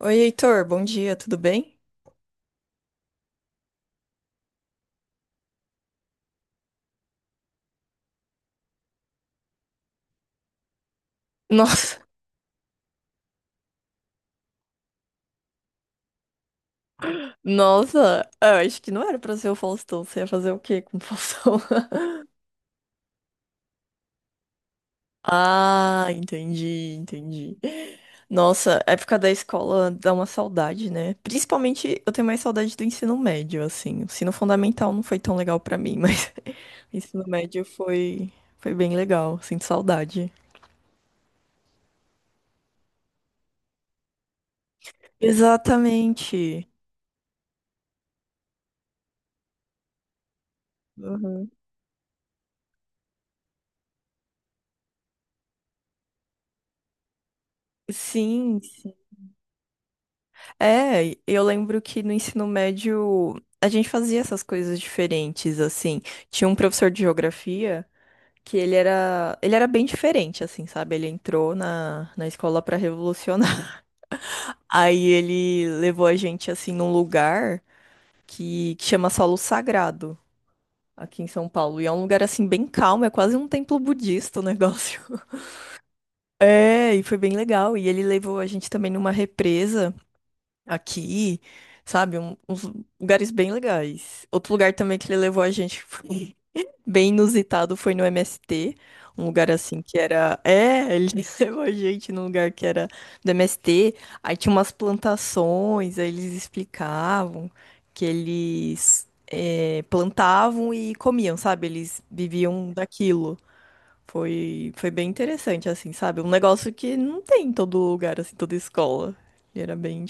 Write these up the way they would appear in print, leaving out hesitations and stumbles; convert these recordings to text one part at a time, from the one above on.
Oi, Heitor, bom dia, tudo bem? Nossa, nossa, é, eu acho que não era pra ser o Faustão. Você ia fazer o quê com o Faustão? Ah, entendi, entendi. Nossa, a época da escola dá uma saudade, né? Principalmente eu tenho mais saudade do ensino médio, assim. O ensino fundamental não foi tão legal pra mim, mas o ensino médio foi, foi bem legal. Sinto saudade. Exatamente. Uhum. Sim, sim. É, eu lembro que no ensino médio a gente fazia essas coisas diferentes, assim. Tinha um professor de geografia que ele era bem diferente, assim, sabe? Ele entrou na escola para revolucionar. Aí ele levou a gente, assim, num lugar que chama Solo Sagrado, aqui em São Paulo. E é um lugar, assim, bem calmo, é quase um templo budista o negócio. É, e foi bem legal. E ele levou a gente também numa represa aqui, sabe? Uns lugares bem legais. Outro lugar também que ele levou a gente que foi bem inusitado foi no MST. Um lugar assim que era. É, ele levou a gente num lugar que era do MST. Aí tinha umas plantações, aí eles explicavam que eles é, plantavam e comiam, sabe? Eles viviam daquilo. Foi, foi bem interessante, assim, sabe? Um negócio que não tem em todo lugar, assim, toda escola. Ele era bem.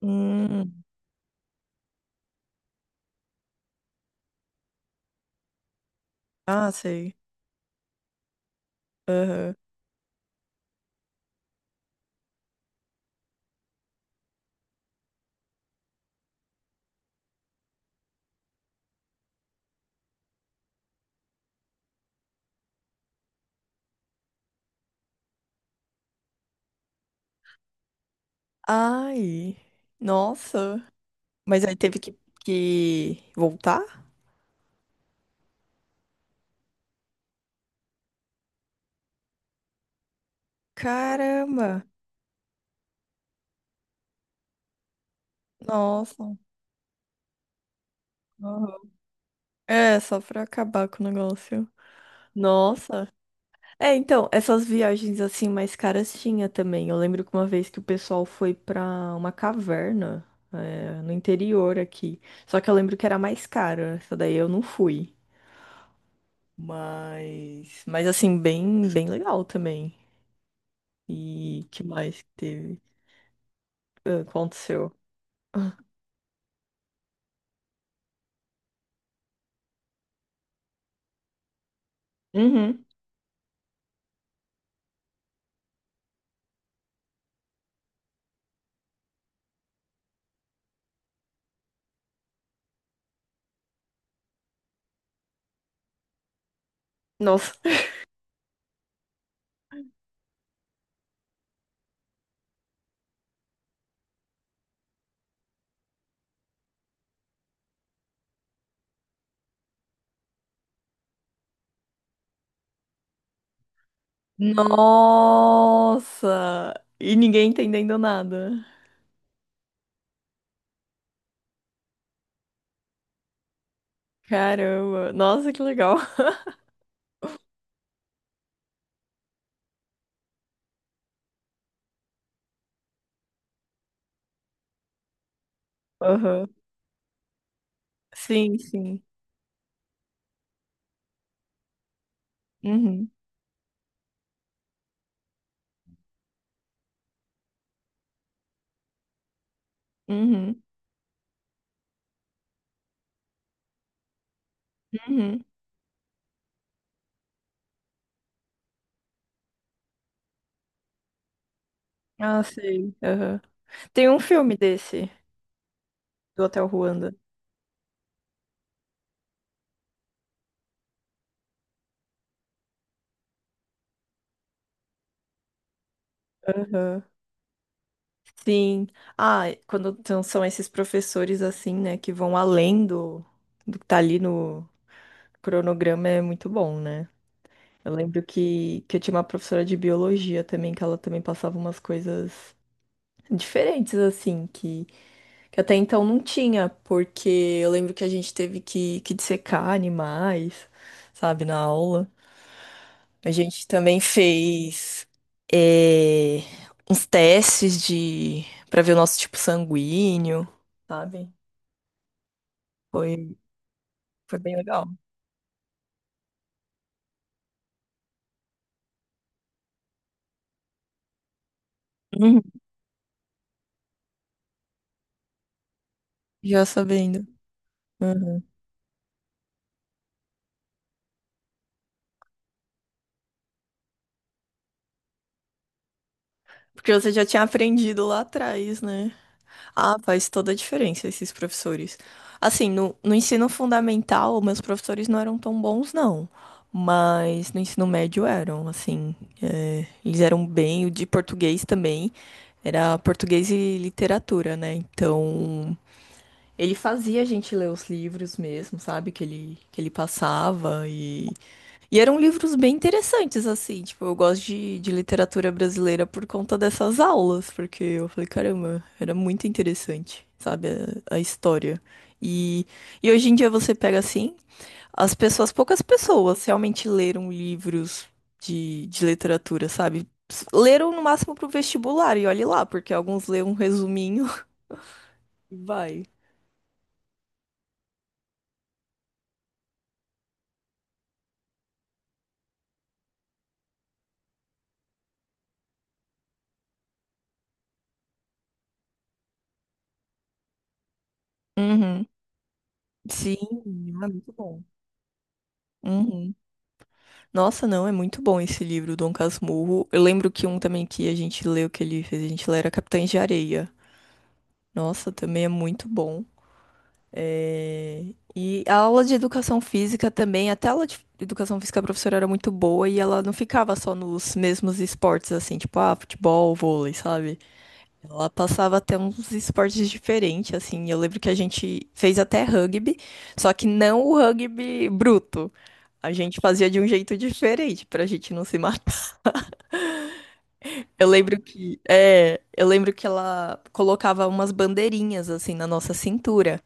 Hum, ah, sei. Aham. Ai, nossa. Mas aí teve que voltar? Caramba, nossa. Aham. É, só pra acabar com o negócio. Nossa. É, então, essas viagens assim mais caras tinha também. Eu lembro que uma vez que o pessoal foi pra uma caverna, é, no interior aqui. Só que eu lembro que era mais cara. Essa daí eu não fui. Mas assim, bem, bem legal também. E que mais que teve? Ah, aconteceu. Uhum. Nossa. Nossa! E ninguém entendendo nada. Caramba. Nossa, que legal. Aham. Sim, sim. Uhum. Uhum. Uhum. Ah, sei. Aham. Tem um filme desse, do Hotel Ruanda. Aham. Sim. Ah, quando então são esses professores assim, né, que vão além do, do que tá ali no cronograma, é muito bom, né? Eu lembro que eu tinha uma professora de biologia também, que ela também passava umas coisas diferentes, assim, que até então não tinha, porque eu lembro que a gente teve que dissecar animais, sabe, na aula. A gente também fez eh, uns testes de para ver o nosso tipo sanguíneo, sabe? Foi, foi bem legal. Uhum. Já sabendo. Uhum. Porque você já tinha aprendido lá atrás, né? Ah, faz toda a diferença esses professores. Assim, no ensino fundamental, meus professores não eram tão bons, não. Mas no ensino médio eram, assim. É, eles eram bem, o de português também. Era português e literatura, né? Então, ele fazia a gente ler os livros mesmo, sabe? Que ele passava e eram livros bem interessantes, assim. Tipo, eu gosto de literatura brasileira por conta dessas aulas, porque eu falei, caramba, era muito interessante, sabe, a história. E, e hoje em dia você pega assim, as pessoas, poucas pessoas realmente leram livros de literatura, sabe? Leram no máximo pro vestibular, e olhe lá, porque alguns lêem um resuminho e vai. Uhum. Sim, é muito bom. Uhum. Nossa, não, é muito bom esse livro, Dom Casmurro. Eu lembro que um também que a gente leu, que ele fez, a gente lê, era Capitães de Areia. Nossa, também é muito bom. É, e a aula de educação física também, até a aula de educação física, a professora era muito boa e ela não ficava só nos mesmos esportes, assim, tipo, ah, futebol, vôlei, sabe? Ela passava até uns esportes diferentes, assim. Eu lembro que a gente fez até rugby, só que não o rugby bruto. A gente fazia de um jeito diferente, pra gente não se matar. Eu lembro que, é, eu lembro que ela colocava umas bandeirinhas assim na nossa cintura.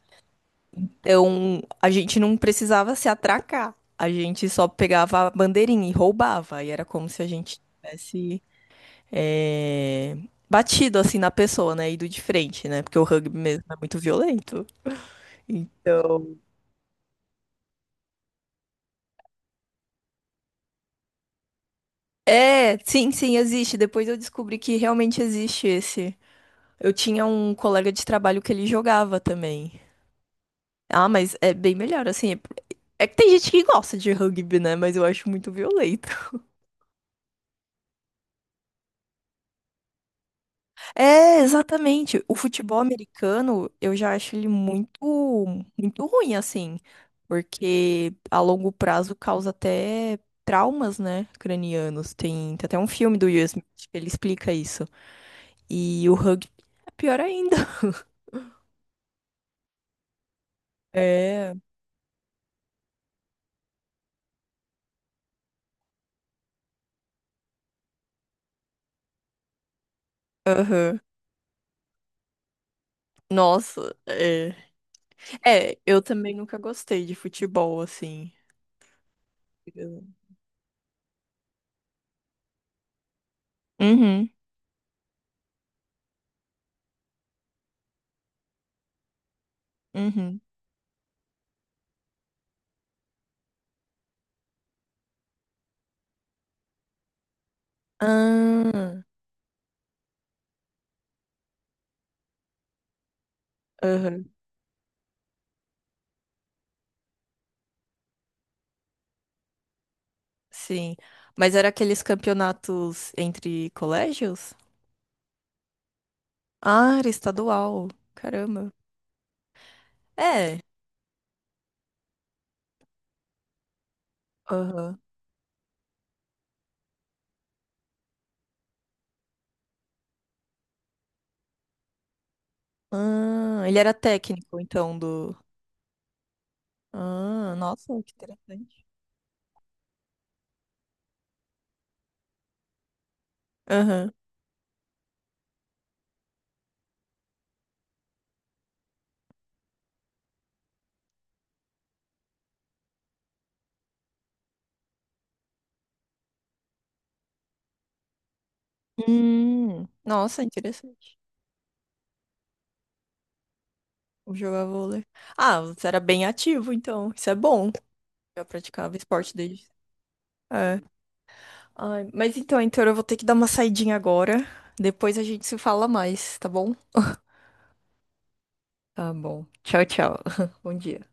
Então, a gente não precisava se atracar. A gente só pegava a bandeirinha e roubava. E era como se a gente tivesse, é, batido assim na pessoa, né? Ido de frente, né? Porque o rugby mesmo é muito violento. Então, é, sim, sim, existe. Depois eu descobri que realmente existe esse. Eu tinha um colega de trabalho que ele jogava também. Ah, mas é bem melhor, assim. É É que tem gente que gosta de rugby, né? Mas eu acho muito violento. É, exatamente. O futebol americano, eu já acho ele muito, muito ruim, assim. Porque a longo prazo causa até traumas, né? Cranianos. Tem, tem até um filme do Will Smith que ele explica isso. E o rugby é pior ainda. É. Aham. Nossa, é. É, eu também nunca gostei de futebol, assim. Eu- Uhum, uhum. Ah, aham. Sim. Mas era aqueles campeonatos entre colégios? Ah, era estadual. Caramba. É. Aham. Ah, ele era técnico, então, do. Ah, nossa, que interessante. Aham. Nossa, interessante. Jogar vôlei. Ah, você era bem ativo, então. Isso é bom. Já praticava esporte desde. É. Ai, mas então, Heitor, eu vou ter que dar uma saidinha agora. Depois a gente se fala mais, tá bom? Tá bom. Tchau, tchau. Bom dia.